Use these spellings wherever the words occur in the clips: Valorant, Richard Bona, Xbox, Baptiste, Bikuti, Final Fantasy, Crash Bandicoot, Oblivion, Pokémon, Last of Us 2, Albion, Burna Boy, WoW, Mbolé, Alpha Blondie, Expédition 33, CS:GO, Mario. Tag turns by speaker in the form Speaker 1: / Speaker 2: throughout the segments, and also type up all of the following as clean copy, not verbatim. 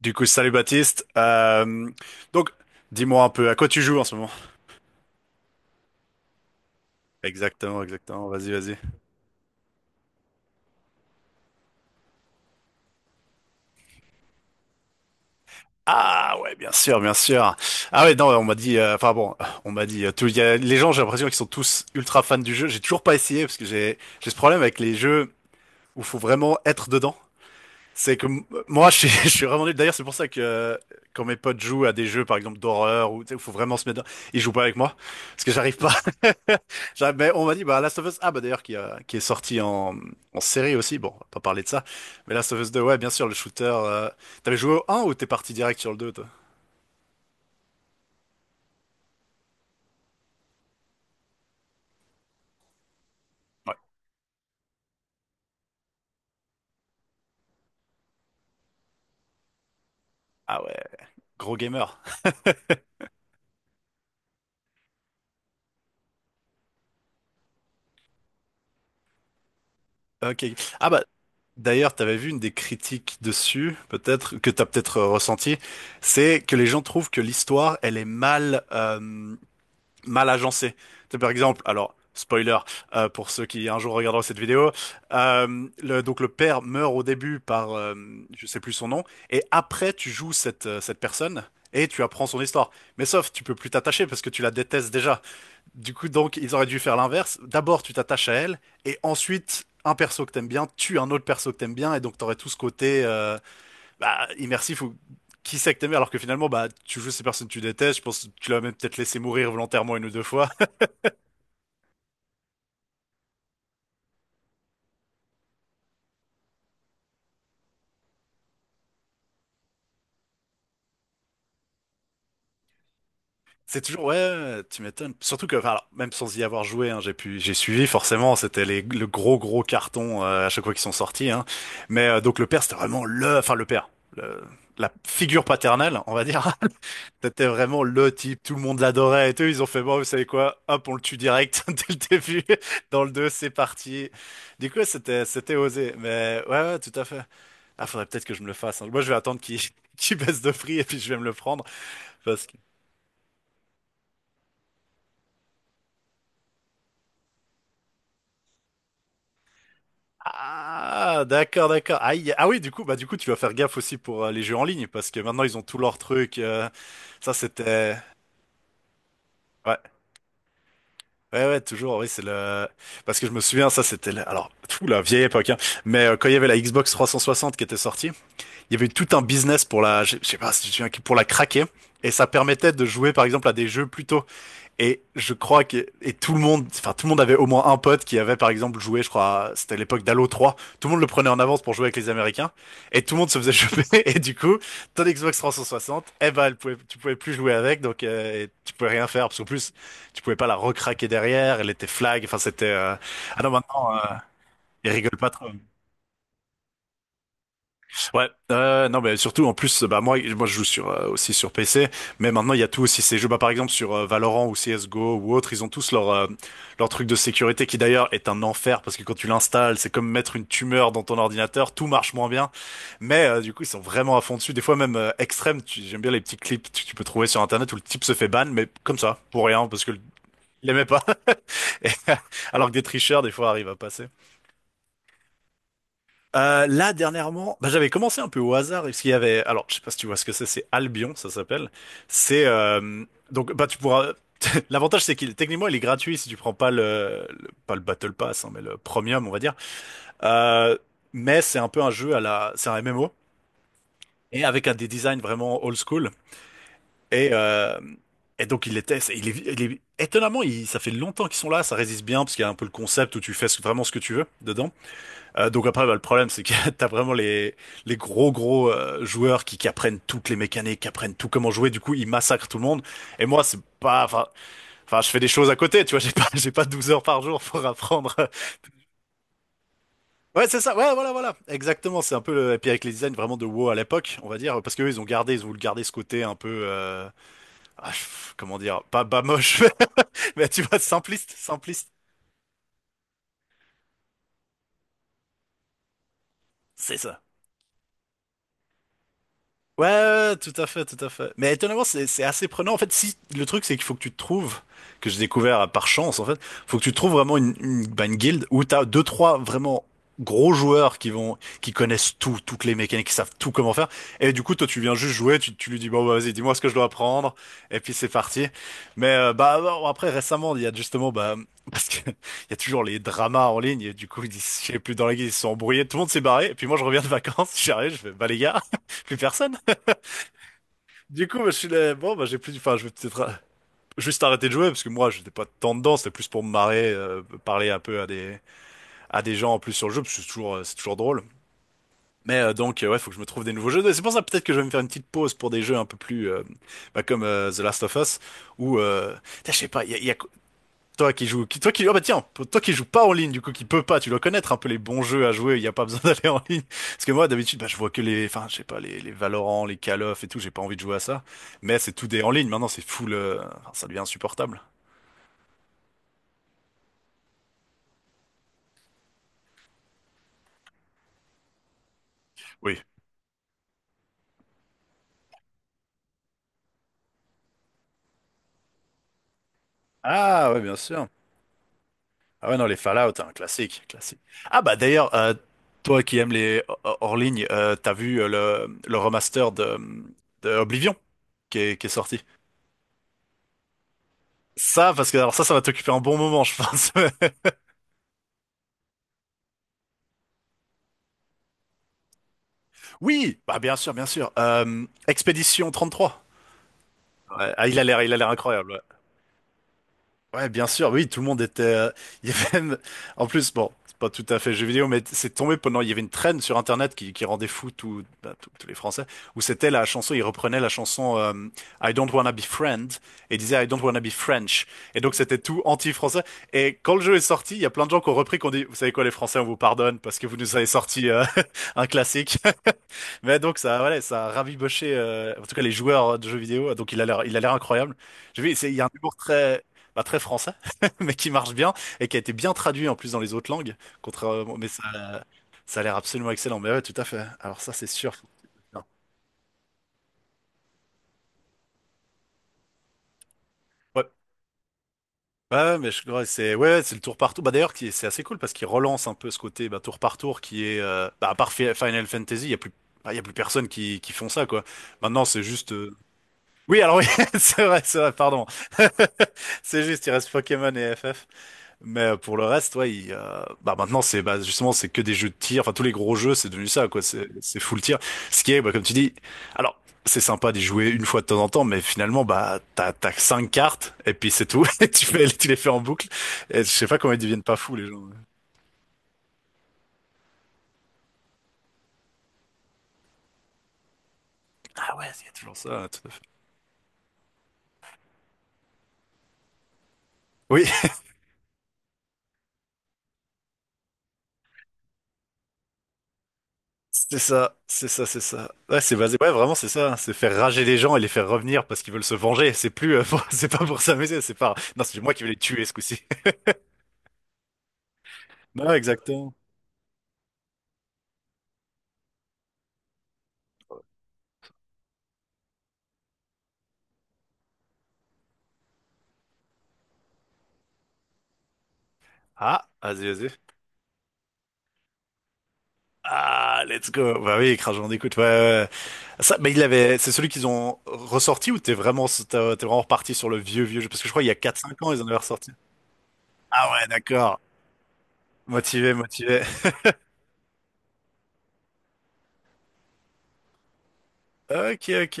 Speaker 1: Du coup, salut Baptiste. Donc, Dis-moi un peu, à quoi tu joues en ce moment? Exactement, exactement. Vas-y, vas-y. Ah ouais, bien sûr, bien sûr. Ah ouais, non, on m'a dit, enfin bon, on m'a dit, tout, il y a, les gens, j'ai l'impression qu'ils sont tous ultra fans du jeu. J'ai toujours pas essayé parce que j'ai ce problème avec les jeux où faut vraiment être dedans. C'est que moi, je suis vraiment nul. D'ailleurs, c'est pour ça que quand mes potes jouent à des jeux, par exemple d'horreur, où tu sais, où faut vraiment se mettre dedans, ils jouent pas avec moi parce que j'arrive pas. Ben, on m'a dit, bah, Last of Us, ah, bah, d'ailleurs, qui est sorti en série aussi. Bon, on va pas parler de ça. Mais Last of Us 2, ouais, bien sûr, le shooter. T'avais joué au 1 ou t'es parti direct sur le 2, toi? Ouais. Ah ouais, gros gamer. Ok. Ah, bah, d'ailleurs, t'avais vu une des critiques dessus, peut-être, que t'as peut-être ressenti. C'est que les gens trouvent que l'histoire, elle est mal. Mal agencé. C'est par exemple, alors spoiler pour ceux qui un jour regarderont cette vidéo, donc le père meurt au début par Je sais plus son nom et après tu joues cette personne. Et tu apprends son histoire. Mais sauf, tu peux plus t'attacher parce que tu la détestes déjà. Du coup, donc, ils auraient dû faire l'inverse. D'abord, tu t'attaches à elle, et ensuite, un perso que t'aimes bien tue un autre perso que t'aimes bien, et donc t'aurais tout ce côté bah, immersif où qui sait que t'aimes bien, alors que finalement, bah, tu joues ces personnes que tu détestes. Je pense que tu l'as même peut-être laissé mourir volontairement une ou deux fois. C'est toujours, ouais, ouais, ouais, tu m'étonnes. Surtout que, enfin, alors, même sans y avoir joué, hein, j'ai pu, j'ai suivi, forcément, c'était les, le gros, gros carton à chaque fois qu'ils sont sortis. Hein. Mais donc le père, c'était vraiment le, enfin le père, le- la figure paternelle, on va dire. C'était vraiment le type, tout le monde l'adorait et tout. Ils ont fait, bon, vous savez quoi, hop, on le tue direct dès le début. Dans le 2, c'est parti. Du coup, ouais, c'était osé. Mais ouais, ouais, tout à fait. Ah, faudrait peut-être que je me le fasse. Hein. Moi, je vais attendre qu'il qu'il baisse de prix et puis je vais me le prendre. Ah, d'accord, d'accord. Aïe. Ah oui, du coup, bah du coup, tu vas faire gaffe aussi pour les jeux en ligne parce que maintenant ils ont tous leurs trucs. Ça, c'était. Ouais, ouais, ouais, toujours. Oui, c'est le. Parce que je me souviens, ça, c'était. Alors, tout la vieille époque. Hein. Mais quand il y avait la Xbox 360 qui était sortie, il y avait eu tout un business pour la. Je sais pas si tu te souviens, pour la craquer. Et ça permettait de jouer, par exemple, à des jeux plutôt. Et je crois que et tout le monde, enfin tout le monde avait au moins un pote qui avait par exemple joué, je crois, c'était à l'époque d'Halo 3. Tout le monde le prenait en avance pour jouer avec les Américains et tout le monde se faisait choper. Et du coup, ton Xbox 360, eh ben, elle pouvait, tu pouvais plus jouer avec, donc et tu pouvais rien faire parce qu'en plus, tu pouvais pas la recraquer derrière. Elle était flag. Enfin, c'était. Ah non, maintenant, ils rigolent pas trop. Ouais, non mais surtout en plus bah moi je joue sur aussi sur PC mais maintenant il y a tout aussi ces jeux bah par exemple sur Valorant ou CS:GO ou autre ils ont tous leur leur truc de sécurité qui d'ailleurs est un enfer parce que quand tu l'installes c'est comme mettre une tumeur dans ton ordinateur tout marche moins bien mais du coup ils sont vraiment à fond dessus des fois même extrême j'aime bien les petits clips que tu peux trouver sur internet où le type se fait ban mais comme ça pour rien parce que il aimait pas. Et, alors que des tricheurs des fois arrivent à passer. Là, dernièrement, bah, j'avais commencé un peu au hasard, parce qu'il y avait, alors, je sais pas si tu vois ce que c'est Albion, ça s'appelle. C'est, donc, bah, tu pourras, l'avantage, c'est qu'il, techniquement, il est gratuit si tu prends pas le, pas le Battle Pass, hein, mais le Premium, on va dire. Euh, mais c'est un peu un jeu à la, c'est un MMO, et avec un des designs vraiment old school. Et, euh, et donc, il était, il est, étonnamment, ça fait longtemps qu'ils sont là, ça résiste bien, parce qu'il y a un peu le concept où tu fais vraiment ce que tu veux dedans. Donc après, bah, le problème, c'est que t'as vraiment les gros gros joueurs qui apprennent toutes les mécaniques, qui apprennent tout comment jouer. Du coup, ils massacrent tout le monde. Et moi, c'est pas, enfin, enfin, je fais des choses à côté, tu vois. J'ai pas, j'ai pas 12 heures par jour pour apprendre. Ouais, c'est ça. Ouais, voilà, voilà. Exactement. C'est un peu le, et puis avec les designs vraiment de WoW à l'époque, on va dire, parce que eux, ils ont gardé, ils ont voulu garder ce côté un peu, ah, comment dire, pas moche, mais tu vois, simpliste, simpliste. C'est ça. Ouais, ouais, ouais, tout à fait, tout à fait. Mais étonnamment, c'est assez prenant. En fait, si le truc, c'est qu'il faut que tu te trouves, que j'ai découvert par chance, en fait, faut que tu trouves vraiment bah, une guilde où t'as deux, trois vraiment gros joueurs qui vont, qui connaissent tout, toutes les mécaniques, qui savent tout comment faire. Et du coup, toi, tu viens juste jouer, tu lui dis, bon, bah, vas-y, dis-moi ce que je dois apprendre. Et puis, c'est parti. Mais, bah, bon, après, récemment, il y a justement, bah, parce que il y a toujours les dramas en ligne, et du coup, disent, je sais plus, dans la guilde, ils se sont embrouillés, tout le monde s'est barré. Et puis, moi, je reviens de vacances, j'arrive, je fais, bah, les gars, plus personne. Du coup, bah, je suis là, bon, bah, j'ai plus, enfin, je vais peut-être juste arrêter de jouer parce que moi, j'étais pas tant dedans, c'était plus pour me marrer, parler un peu à des gens en plus sur le jeu, parce que c'est toujours drôle. Mais donc, ouais, faut que je me trouve des nouveaux jeux. Et c'est pour ça peut-être que je vais me faire une petite pause pour des jeux un peu plus, bah, comme The Last of Us, ou, putain, je sais pas, il y a, toi qui joue, qui, toi qui, ah bah tiens, pour toi qui joue pas en ligne, du coup qui peut pas, tu dois connaître un peu les bons jeux à jouer. Il y a pas besoin d'aller en ligne. Parce que moi d'habitude, bah je vois que les, enfin je sais pas les, les Valorant, les Call of et tout. J'ai pas envie de jouer à ça. Mais c'est tout des en ligne. Maintenant c'est full, enfin, ça devient insupportable. Oui. Ah ouais bien sûr. Ah ouais non les Fallout, hein, classique, classique. Ah bah d'ailleurs, toi qui aimes les hors hors ligne, t'as vu le remaster de Oblivion qui est sorti. Ça parce que alors ça ça va t'occuper un bon moment je pense. Oui, bah bien sûr, bien sûr. Expédition 33. Ouais, ah, il a l'air incroyable. Ouais. Ouais, bien sûr, oui, tout le monde était. Il y avait même... En plus, bon, c'est pas tout à fait jeu vidéo, mais c'est tombé pendant. Il y avait une traîne sur Internet qui rendait fou tout, bah, tous les Français, où c'était la chanson. Ils reprenaient la chanson I don't wanna be friend et disaient I don't wanna be French. Et donc c'était tout anti-français. Et quand le jeu est sorti, il y a plein de gens qui ont repris, qui ont dit, vous savez quoi, les Français, on vous pardonne parce que vous nous avez sorti un classique. Mais donc ça, voilà, ça a raviboché, en tout cas les joueurs de jeux vidéo. Donc il a l'air incroyable. J'ai vu, il y a un humour très, pas très français, mais qui marche bien et qui a été bien traduit en plus dans les autres langues. Contrairement, mais ça a l'air absolument excellent. Mais ouais, tout à fait. Alors ça, c'est sûr. Non. Ouais. Ouais, mais je crois que c'est ouais, c'est le tour par tour. Bah d'ailleurs, c'est assez cool parce qu'il relance un peu ce côté bah, tour par tour qui est bah, à part Final Fantasy, il y a plus bah, il y a plus personne qui font ça quoi. Maintenant, c'est juste Oui, alors oui, c'est vrai, pardon. C'est juste, il reste Pokémon et FF. Mais pour le reste, ouais, il, bah maintenant c'est bah justement c'est que des jeux de tir. Enfin tous les gros jeux c'est devenu ça quoi. C'est full tir. Ce qui est bah comme tu dis, alors c'est sympa d'y jouer une fois de temps en temps, mais finalement bah t'as que cinq cartes et puis c'est tout. Et tu les fais en boucle. Et je sais pas comment ils deviennent pas fous les gens. Ah ouais, il y a toujours ça. Tout à fait. Oui, c'est ça, c'est ça, c'est ça. Ouais, c'est basé. Ouais, vraiment c'est ça, hein. C'est faire rager les gens et les faire revenir parce qu'ils veulent se venger. C'est plus c'est pas pour s'amuser. C'est pas. Non, c'est moi qui vais les tuer ce coup-ci. Non, exactement. Ah, vas-y, vas-y. Ah, let's go. Bah oui, Crash Bandicoot, ouais, ouais, ouais. Ça, mais il l'avait, c'est celui qu'ils ont ressorti ou t'es vraiment, t'es vraiment reparti sur le vieux, vieux jeu? Parce que je crois il y a quatre, cinq ans, ils en avaient ressorti. Ah ouais, d'accord. Motivé, motivé. Ok, ok.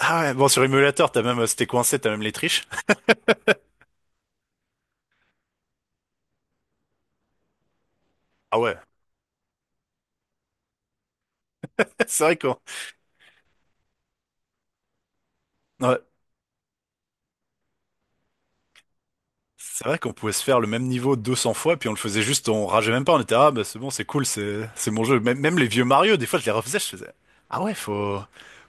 Speaker 1: Ah ouais, bon, sur émulateur, t'as même, c'était coincé, t'as même les triches. Ah ouais, c'est vrai quoi. C'est vrai qu'on pouvait se faire le même niveau 200 fois, puis on le faisait juste, on rageait même pas, on était, ah bah c'est bon, c'est cool, c'est mon jeu. Même, même les vieux Mario, des fois je les refaisais, je faisais, ah ouais, faut,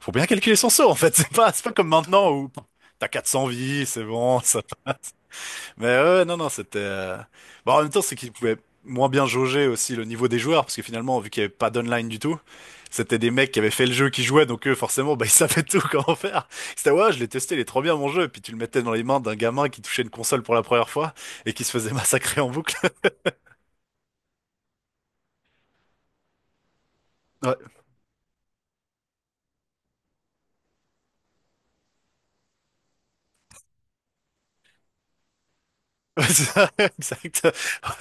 Speaker 1: faut bien calculer son saut en fait, c'est pas comme maintenant où t'as 400 vies, c'est bon, ça. Mais ouais, ouais, non, non, c'était. Bon, en même temps, c'est qu'ils pouvaient moins bien jauger aussi le niveau des joueurs, parce que finalement, vu qu'il n'y avait pas d'online du tout, c'était des mecs qui avaient fait le jeu, qui jouaient, donc eux, forcément, bah, ils savaient tout comment faire. C'était, ouais, je l'ai testé, il est trop bien mon jeu, puis tu le mettais dans les mains d'un gamin qui touchait une console pour la première fois et qui se faisait massacrer en boucle. Ouais, c'est ça, exact. Ah,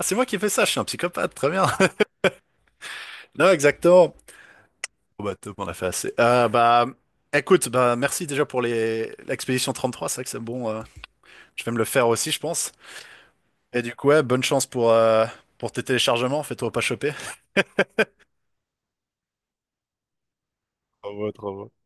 Speaker 1: c'est moi qui ai fait ça, je suis un psychopathe, très bien. Non, exactement. Bon, bah, top, on a fait assez. Bah, écoute, bah, merci déjà pour les, l'expédition 33, c'est vrai que c'est bon, je vais me le faire aussi, je pense. Et du coup, ouais, bonne chance pour tes téléchargements, fais-toi pas choper. Bravo, bravo.